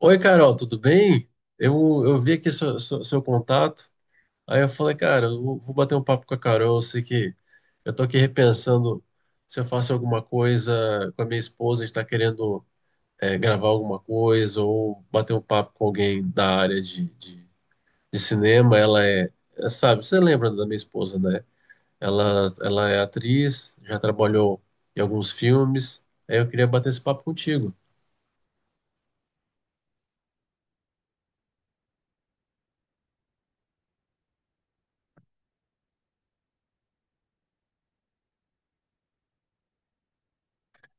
Oi, Carol, tudo bem? Eu, eu vi aqui seu contato, aí eu falei, cara, eu vou bater um papo com a Carol, eu sei que eu tô aqui repensando se eu faço alguma coisa com a minha esposa, a gente tá querendo gravar alguma coisa ou bater um papo com alguém da área de cinema, sabe, você lembra da minha esposa, né? Ela é atriz, já trabalhou em alguns filmes, aí eu queria bater esse papo contigo.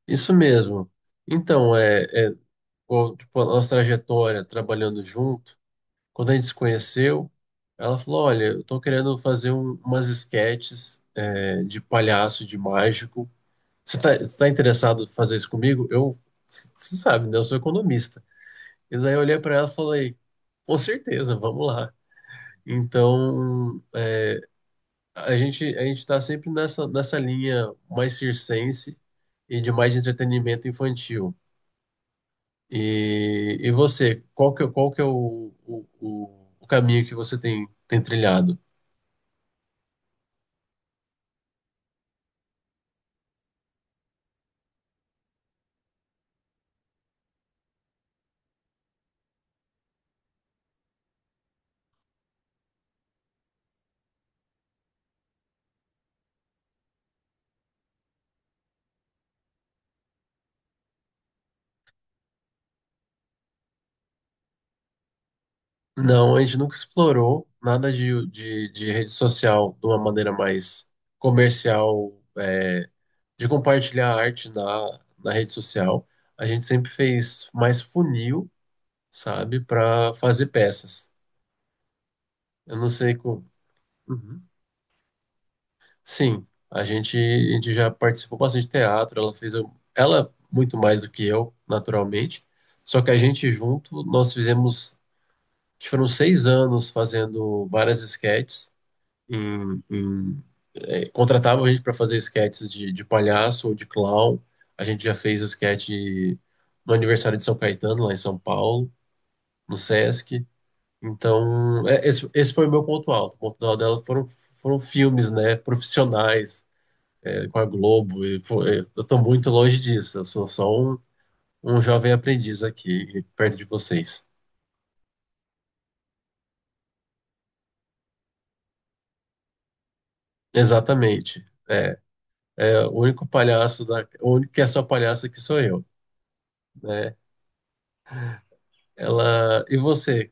Isso mesmo. Então, igual, tipo, a nossa trajetória trabalhando junto, quando a gente se conheceu, ela falou: Olha, eu tô querendo fazer umas esquetes de palhaço, de mágico. Você tá interessado em fazer isso comigo? Eu, você sabe, né? Eu sou economista. E daí eu olhei para ela e falei: Com certeza, vamos lá. Então. A gente está sempre nessa linha mais circense e de mais entretenimento infantil. E você, qual que é o caminho que você tem trilhado? Não, a gente nunca explorou nada de rede social de uma maneira mais comercial, é, de compartilhar arte na rede social. A gente sempre fez mais funil, sabe, para fazer peças. Eu não sei como. Sim, a gente já participou bastante de teatro, ela fez, ela muito mais do que eu, naturalmente, só que a gente junto, nós fizemos, acho que foram seis anos fazendo várias esquetes, em, em, contratavam a gente para fazer esquetes de palhaço ou de clown, a gente já fez esquete no aniversário de São Caetano, lá em São Paulo, no Sesc, então é, esse foi o meu ponto alto, o ponto alto dela foram filmes, né, profissionais, é, com a Globo. E, pô, é, eu tô muito longe disso. Eu sou só um, um jovem aprendiz aqui, perto de vocês. Exatamente. É, é o único palhaço da, o único que é só palhaço que sou eu, né? Ela, e você,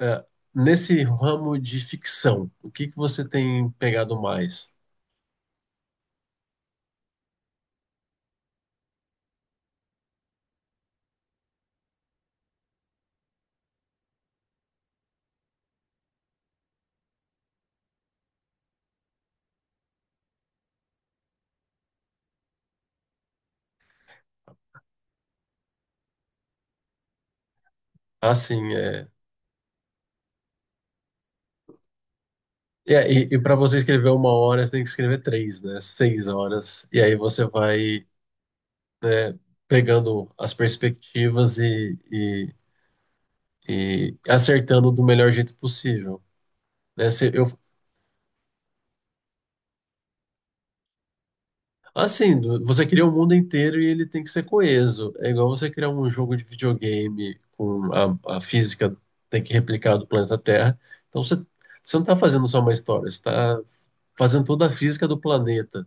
é, nesse ramo de ficção, o que que você tem pegado mais? Assim, e para você escrever uma hora, você tem que escrever três, né? Seis horas. E aí você vai, né, pegando as perspectivas e acertando do melhor jeito possível, né? Se eu, assim, você cria o mundo inteiro e ele tem que ser coeso. É igual você criar um jogo de videogame com a física tem que replicar do planeta Terra. Então você, você não está fazendo só uma história, você está fazendo toda a física do planeta.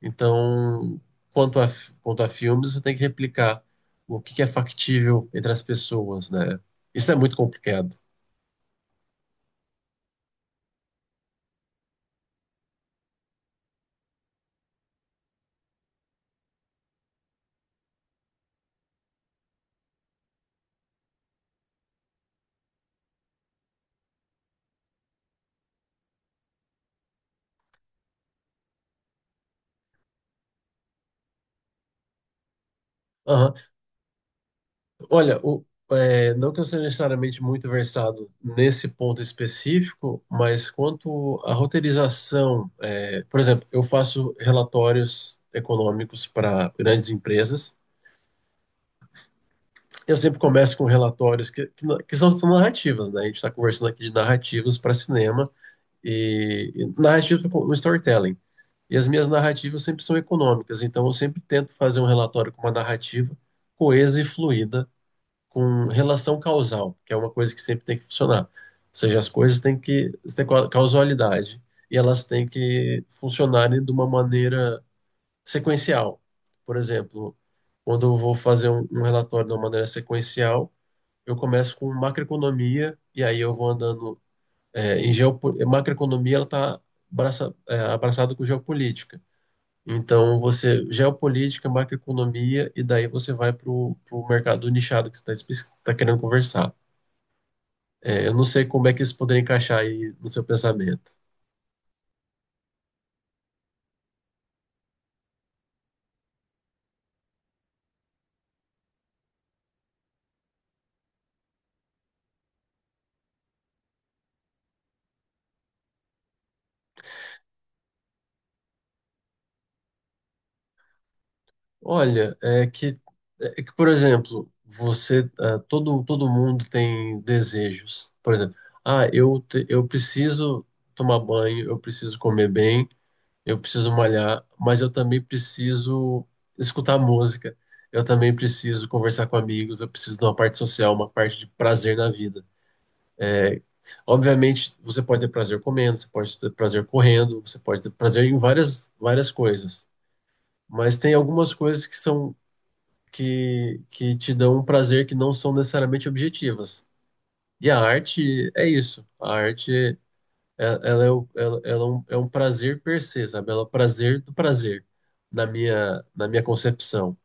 Então, quanto a filmes, você tem que replicar o que que é factível entre as pessoas, né? Isso é muito complicado. Olha, não que eu seja necessariamente muito versado nesse ponto específico, mas quanto à roteirização, é, por exemplo, eu faço relatórios econômicos para grandes empresas. Eu sempre começo com relatórios que são, são narrativas, né? A gente está conversando aqui de narrativas para cinema e narrativas com storytelling. E as minhas narrativas sempre são econômicas, então eu sempre tento fazer um relatório com uma narrativa coesa e fluida com relação causal, que é uma coisa que sempre tem que funcionar. Ou seja, as coisas têm que ter causalidade e elas têm que funcionarem de uma maneira sequencial. Por exemplo, quando eu vou fazer um, um relatório de uma maneira sequencial, eu começo com macroeconomia e aí eu vou andando é, em geopo... macroeconomia ela está abraça, é, abraçada com geopolítica. Então, você geopolítica, macroeconomia, e daí você vai para o mercado nichado que você está querendo conversar. É, eu não sei como é que isso poderia encaixar aí no seu pensamento. Olha, é que por exemplo, você, ah, todo mundo tem desejos. Por exemplo, ah, eu, eu preciso tomar banho, eu preciso comer bem, eu preciso malhar, mas eu também preciso escutar música, eu também preciso conversar com amigos, eu preciso de uma parte social, uma parte de prazer na vida. Obviamente, você pode ter prazer comendo, você pode ter prazer correndo, você pode ter prazer em várias, várias coisas. Mas tem algumas coisas que que te dão um prazer que não são necessariamente objetivas. E a arte é isso. A arte ela é é um prazer per se, sabe? Ela é o prazer do prazer, na minha concepção.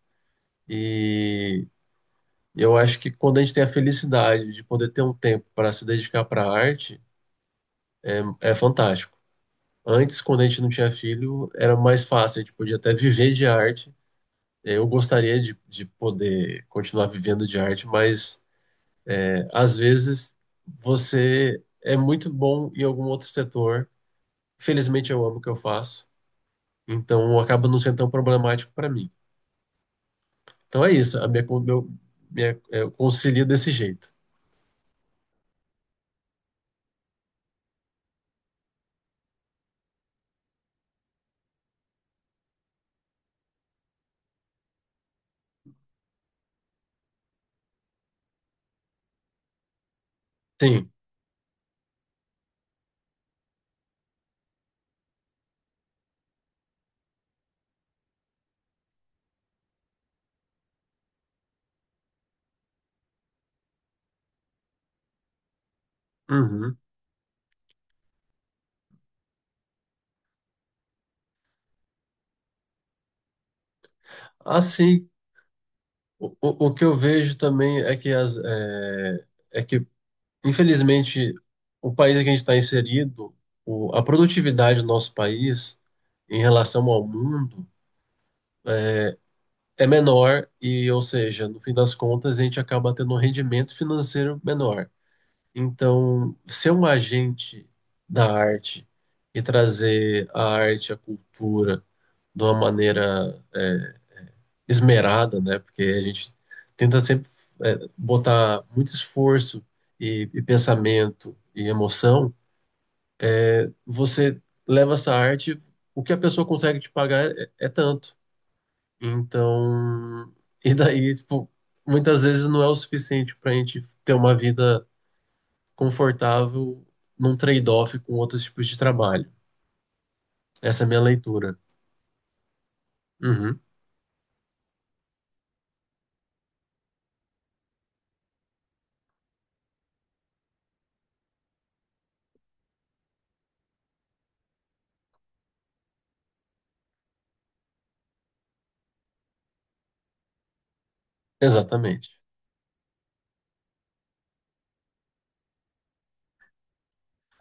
E eu acho que quando a gente tem a felicidade de poder ter um tempo para se dedicar para a arte, é fantástico. Antes, quando a gente não tinha filho, era mais fácil, a gente podia até viver de arte. Eu gostaria de poder continuar vivendo de arte, mas às vezes você é muito bom em algum outro setor. Felizmente eu amo o que eu faço, então acaba não sendo tão problemático para mim. Então é isso, a minha, co- meu, minha, é, eu concilio desse jeito. Sim. Uhum. Assim, o que eu vejo também é que, infelizmente, o país em que a gente está inserido, a produtividade do nosso país em relação ao mundo é menor e, ou seja, no fim das contas, a gente acaba tendo um rendimento financeiro menor. Então, ser um agente da arte e trazer a arte, a cultura de uma maneira é, esmerada, né? Porque a gente tenta sempre é, botar muito esforço e pensamento e emoção. É, você leva essa arte, o que a pessoa consegue te pagar é é tanto. Então, e daí, tipo, muitas vezes não é o suficiente para a gente ter uma vida confortável num trade-off com outros tipos de trabalho. Essa é a minha leitura. Uhum, exatamente.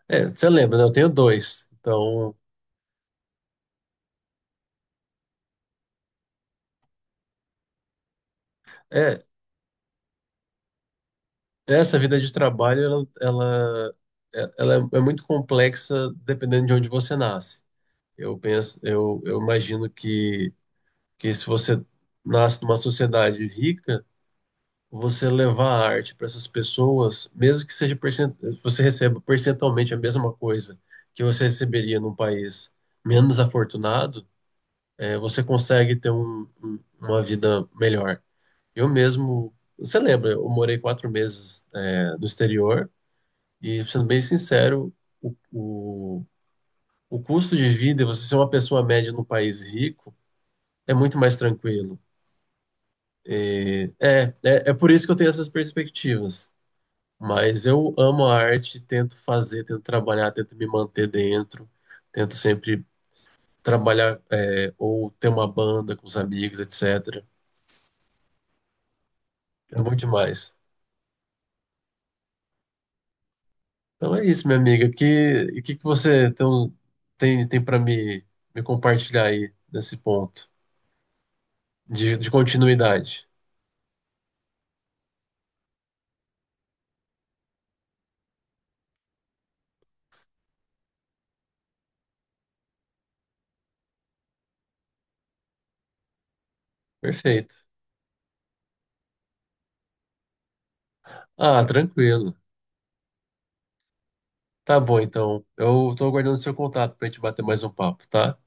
É, você lembra, né? Eu tenho dois. Então, é, essa vida de trabalho, ela é é muito complexa dependendo de onde você nasce. Eu penso, eu imagino que se você nasce numa sociedade rica, você levar a arte para essas pessoas, mesmo que seja percent... você receba percentualmente a mesma coisa que você receberia num país menos afortunado, é, você consegue ter uma vida melhor. Eu mesmo, você lembra, eu morei quatro meses, é, no exterior e, sendo bem sincero, o, o, o custo de vida, você ser uma pessoa média num país rico, é muito mais tranquilo. É por isso que eu tenho essas perspectivas. Mas eu amo a arte, tento fazer, tento trabalhar, tento me manter dentro, tento sempre trabalhar, é, ou ter uma banda com os amigos, etc. É bom demais. Então é isso, minha amiga. Que e que que você então, tem para me me compartilhar aí nesse ponto de continuidade? Perfeito. Ah, tranquilo. Tá bom, então. Eu tô aguardando seu contato pra gente bater mais um papo, tá?